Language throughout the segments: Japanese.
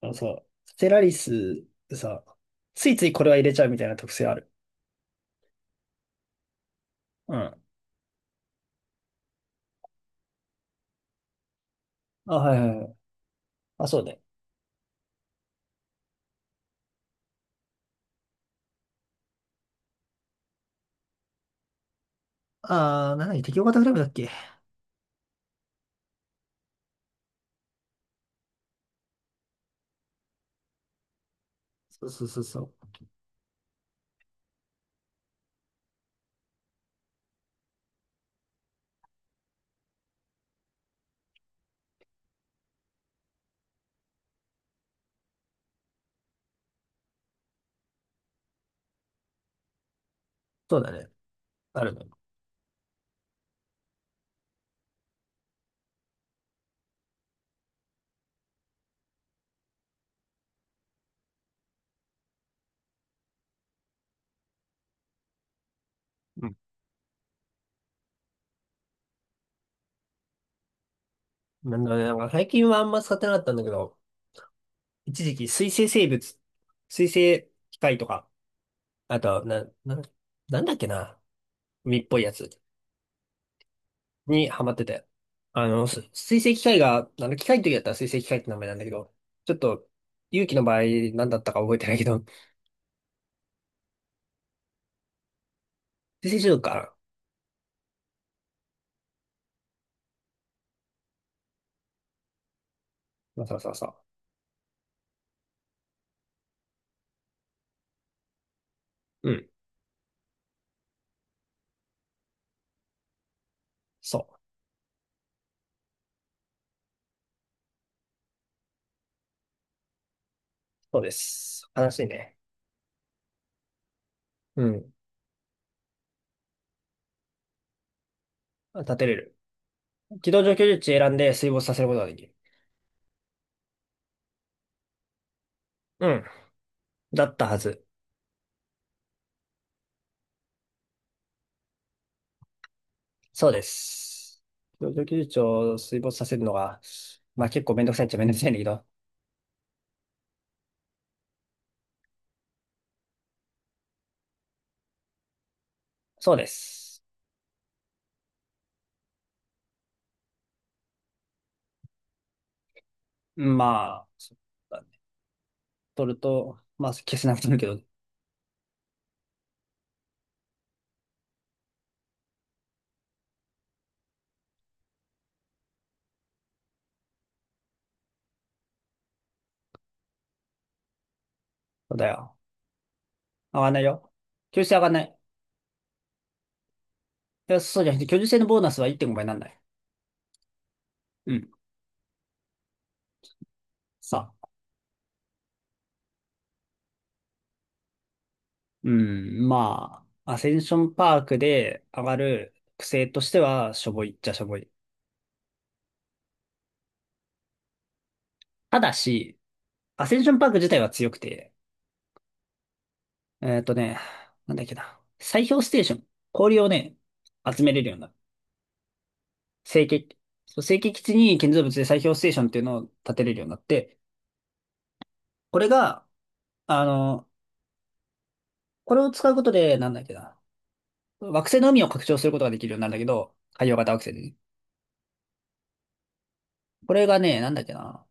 あのさ、ステラリスさ、ついついこれは入れちゃうみたいな特性ある。うん。あ、はいはいはい。あ、そうね。なんだっけ適応型グラムだっけ、そうそうそうそう。そうだね。あるね。うん。なんだろうね。なんか最近はあんま使ってなかったんだけど、一時期水生生物、水生機械とか、あと、なんだっけな。海っぽいやつにハマってて。水生機械が、機械の時だったら水生機械って名前なんだけど、ちょっと、勇気の場合何だったか覚えてないけど、水生中毒かな。そうそうそうそう。うん。そう。そうです。悲しいね。うん。立てれる。軌道上居住地選んで水没させることができる。うん。だったはず。そうです。軌道上居住地を水没させるのが、まあ結構めんどくさいっちゃめんどくさいんだけど。そうです。まあ、そうだね。取ると、まあ消せなくなるけど、そうだよ。上がんないよ。居住性上がんない。いやそうじゃなくて、居住性のボーナスは1.5倍なんない。うん。さあ。うん、まあ、アセンションパークで上がる癖としては、しょぼいっちゃしょぼい。ただし、アセンションパーク自体は強くて、えっとね、なんだっけな、砕氷ステーション、氷をね、集めれるようになる。成形そう、成形基地に建造物で砕氷ステーションっていうのを建てれるようになって、これが、あの、これを使うことで、なんだっけな、惑星の海を拡張することができるようになるんだけど、海洋型惑星でね。これがね、なんだっけな、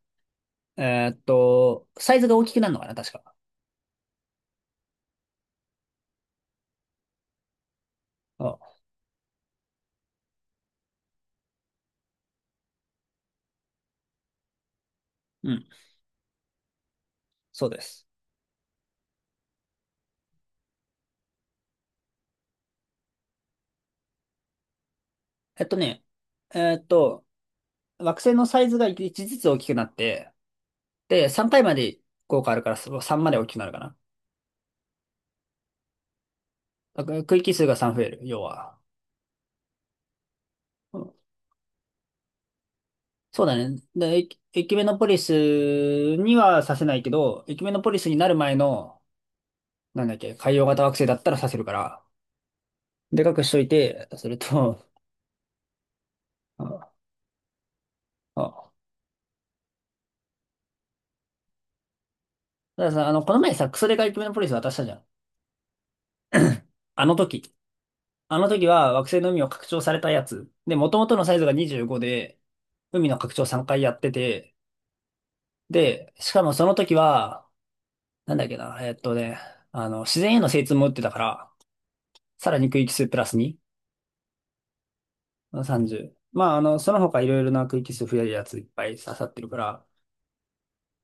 サイズが大きくなるのかな、確か。うん、そうです。えっとね、えっと、惑星のサイズが1ずつ大きくなって、で、3体まで効果あるからその3まで大きくなるかな。だから区域数が3増える、要は。うん、そうだね。で、エキメノポリスにはさせないけど、エキメノポリスになる前の、なんだっけ、海洋型惑星だったらさせるから、でかくしといて、それと、ああ、たださ、この前さ、クソデカエキメノポリス渡したじゃん。あの時。あの時は惑星の海を拡張されたやつ。で、元々のサイズが25で、海の拡張3回やってて、で、しかもその時は、なんだっけな、自然への精通も打ってたから、さらに区域数プラス2、30。まあ、その他いろいろな区域数増えるやついっぱい刺さってるから、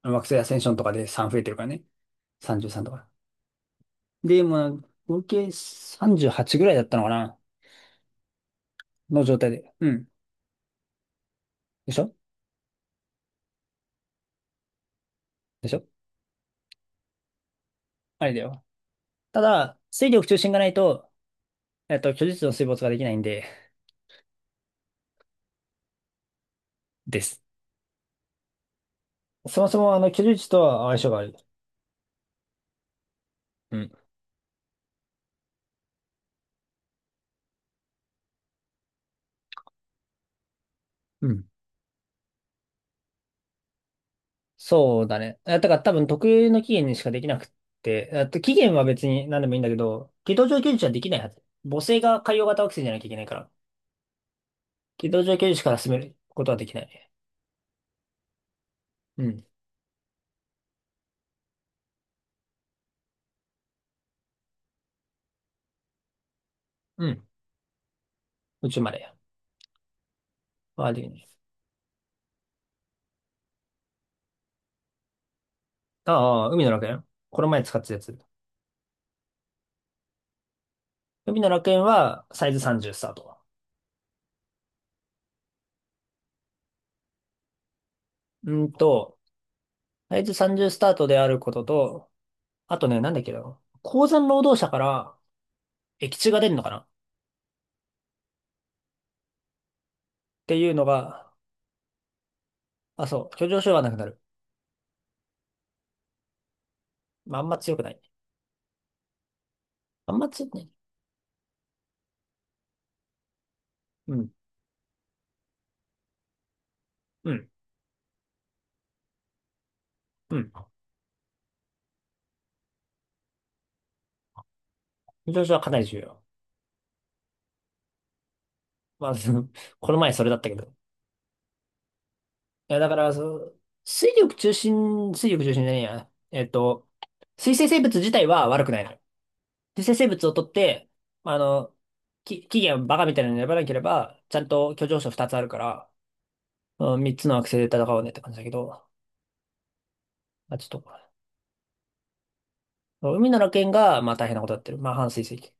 あの惑星アセンションとかで3増えてるからね。33とか。で、まあ、合計38ぐらいだったのかなの状態で。うん。でしょ。でしょ。あれだよ。ただ、水力中心がないと、居住地の水没ができないんで、です。そもそも、居住地とは相性が悪い。うん。うん。そうだね。だから多分特有の期限にしかできなくって、期限は別に何でもいいんだけど、軌道上居住地はできないはず。母性が海洋型惑星じゃなきゃいけないから、軌道上居住地から進めることはできないね。うん。うん。宇宙まではできない。ああ、海の楽園この前使ってたやつ。海の楽園はサイズ30スタート。うんと、サイズ30スタートであることと、あとね、なんだっけな。鉱山労働者から液中が出るのかなっていうのが、あ、そう、居上症はなくなる。まあ、あんま強くない。あんま強くない。うん、うん、うん。居上症はかなり重要。まあ、この前それだったけど。いや、だから、そう、水力中心じゃねえや。水生生物自体は悪くないのよ。水生生物を取って、まあの、起源をバカみたいなの選ばなければ、ちゃんと居上症2つあるから、うん、3つの惑星で戦おうねって感じだけど、まあ、ちょっと、海の楽園が、まあ大変なことやってる。まあ半水石。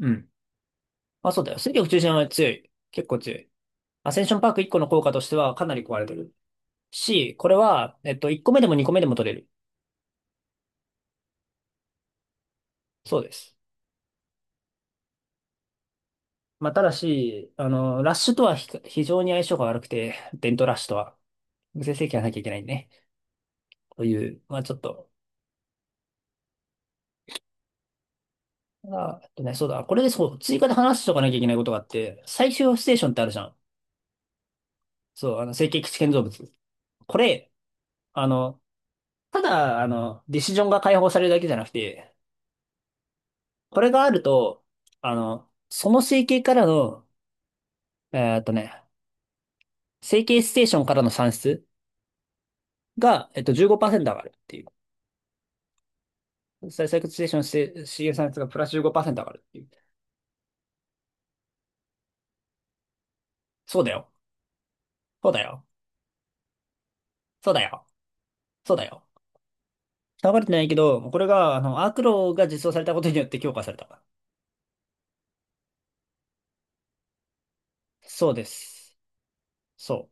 うん。まあそうだよ。水力中心は強い。結構強い。アセンションパーク1個の効果としてはかなり壊れてる。これは、1個目でも2個目でも取れる。そうです。まあただし、ラッシュとは非常に相性が悪くて、伝統ラッシュとは、無制制限がなきゃいけないね。という、まあちょっと、あ、そうだ。これでそう、追加で話しておかなきゃいけないことがあって、最終ステーションってあるじゃん。そう、成形基地建造物。これ、あの、ただ、ディシジョンが解放されるだけじゃなくて、これがあると、その整形からの、えーっとね、整形ステーションからの算出が、15%上がるっていう。再採掘ステーションして資源産出がプラス15%上がるっていう。そうだよ。そうだよ。そうだよ。そうだよ。下がれてないけど、これが、アークロが実装されたことによって強化された。そうです。そ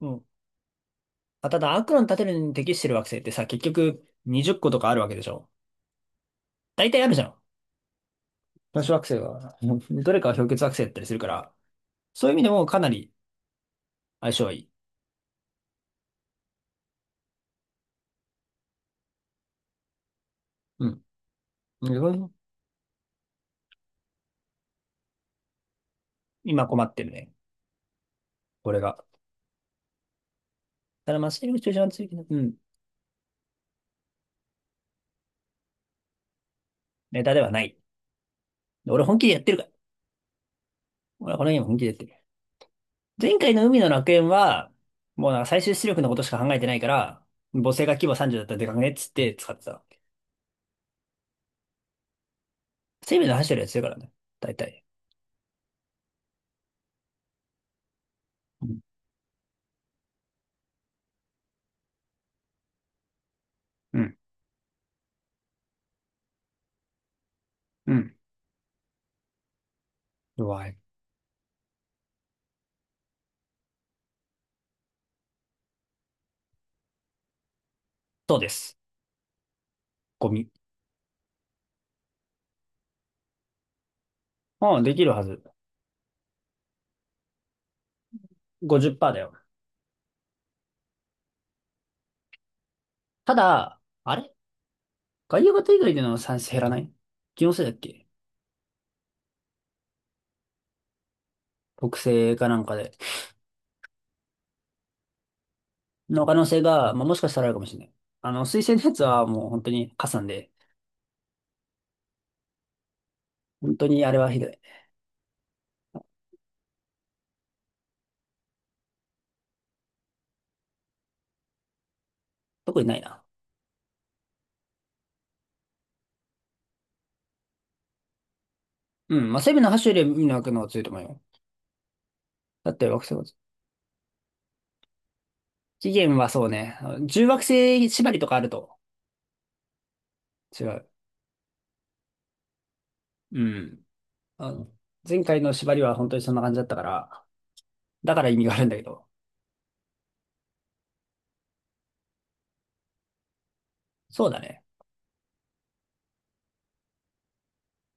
う。うん。あ、ただ、アークロの建てるのに適してる惑星ってさ、結局20個とかあるわけでしょ。大体あるじゃん。男子惑星は、どれかは氷結惑星だったりするから、そういう意味でもかなり相性はいい。うん。うん。今困ってるね。俺が。ただ、マステリング駐車場ついてる。うん。ネタではない。俺本気でやってるから。俺はこのゲーム本気でやってる。前回の海の楽園は、もうなんか最終出力のことしか考えてないから、母性が規模30だったらでかくねっつって使ってた。生命の走ってるやつ強いからね。大体。うん。うん。うん、弱い。そうです。ゴミ。うん、できるはず。50%だよ。ただ、あれ外野型以外での算成減らない、気のせいだっけ、特性かなんかで。の可能性が、まあ、もしかしたらあるかもしれない。推薦のやつはもう本当に加算で、本当にあれはひどい。特にないな。うん、まあ、セブンの8種より見のくのはが強いと思うよ。だって惑星は、期限はそうね、あの重惑星縛りとかあると違う。うん。あの、前回の縛りは本当にそんな感じだったから、だから意味があるんだけど。そうだね。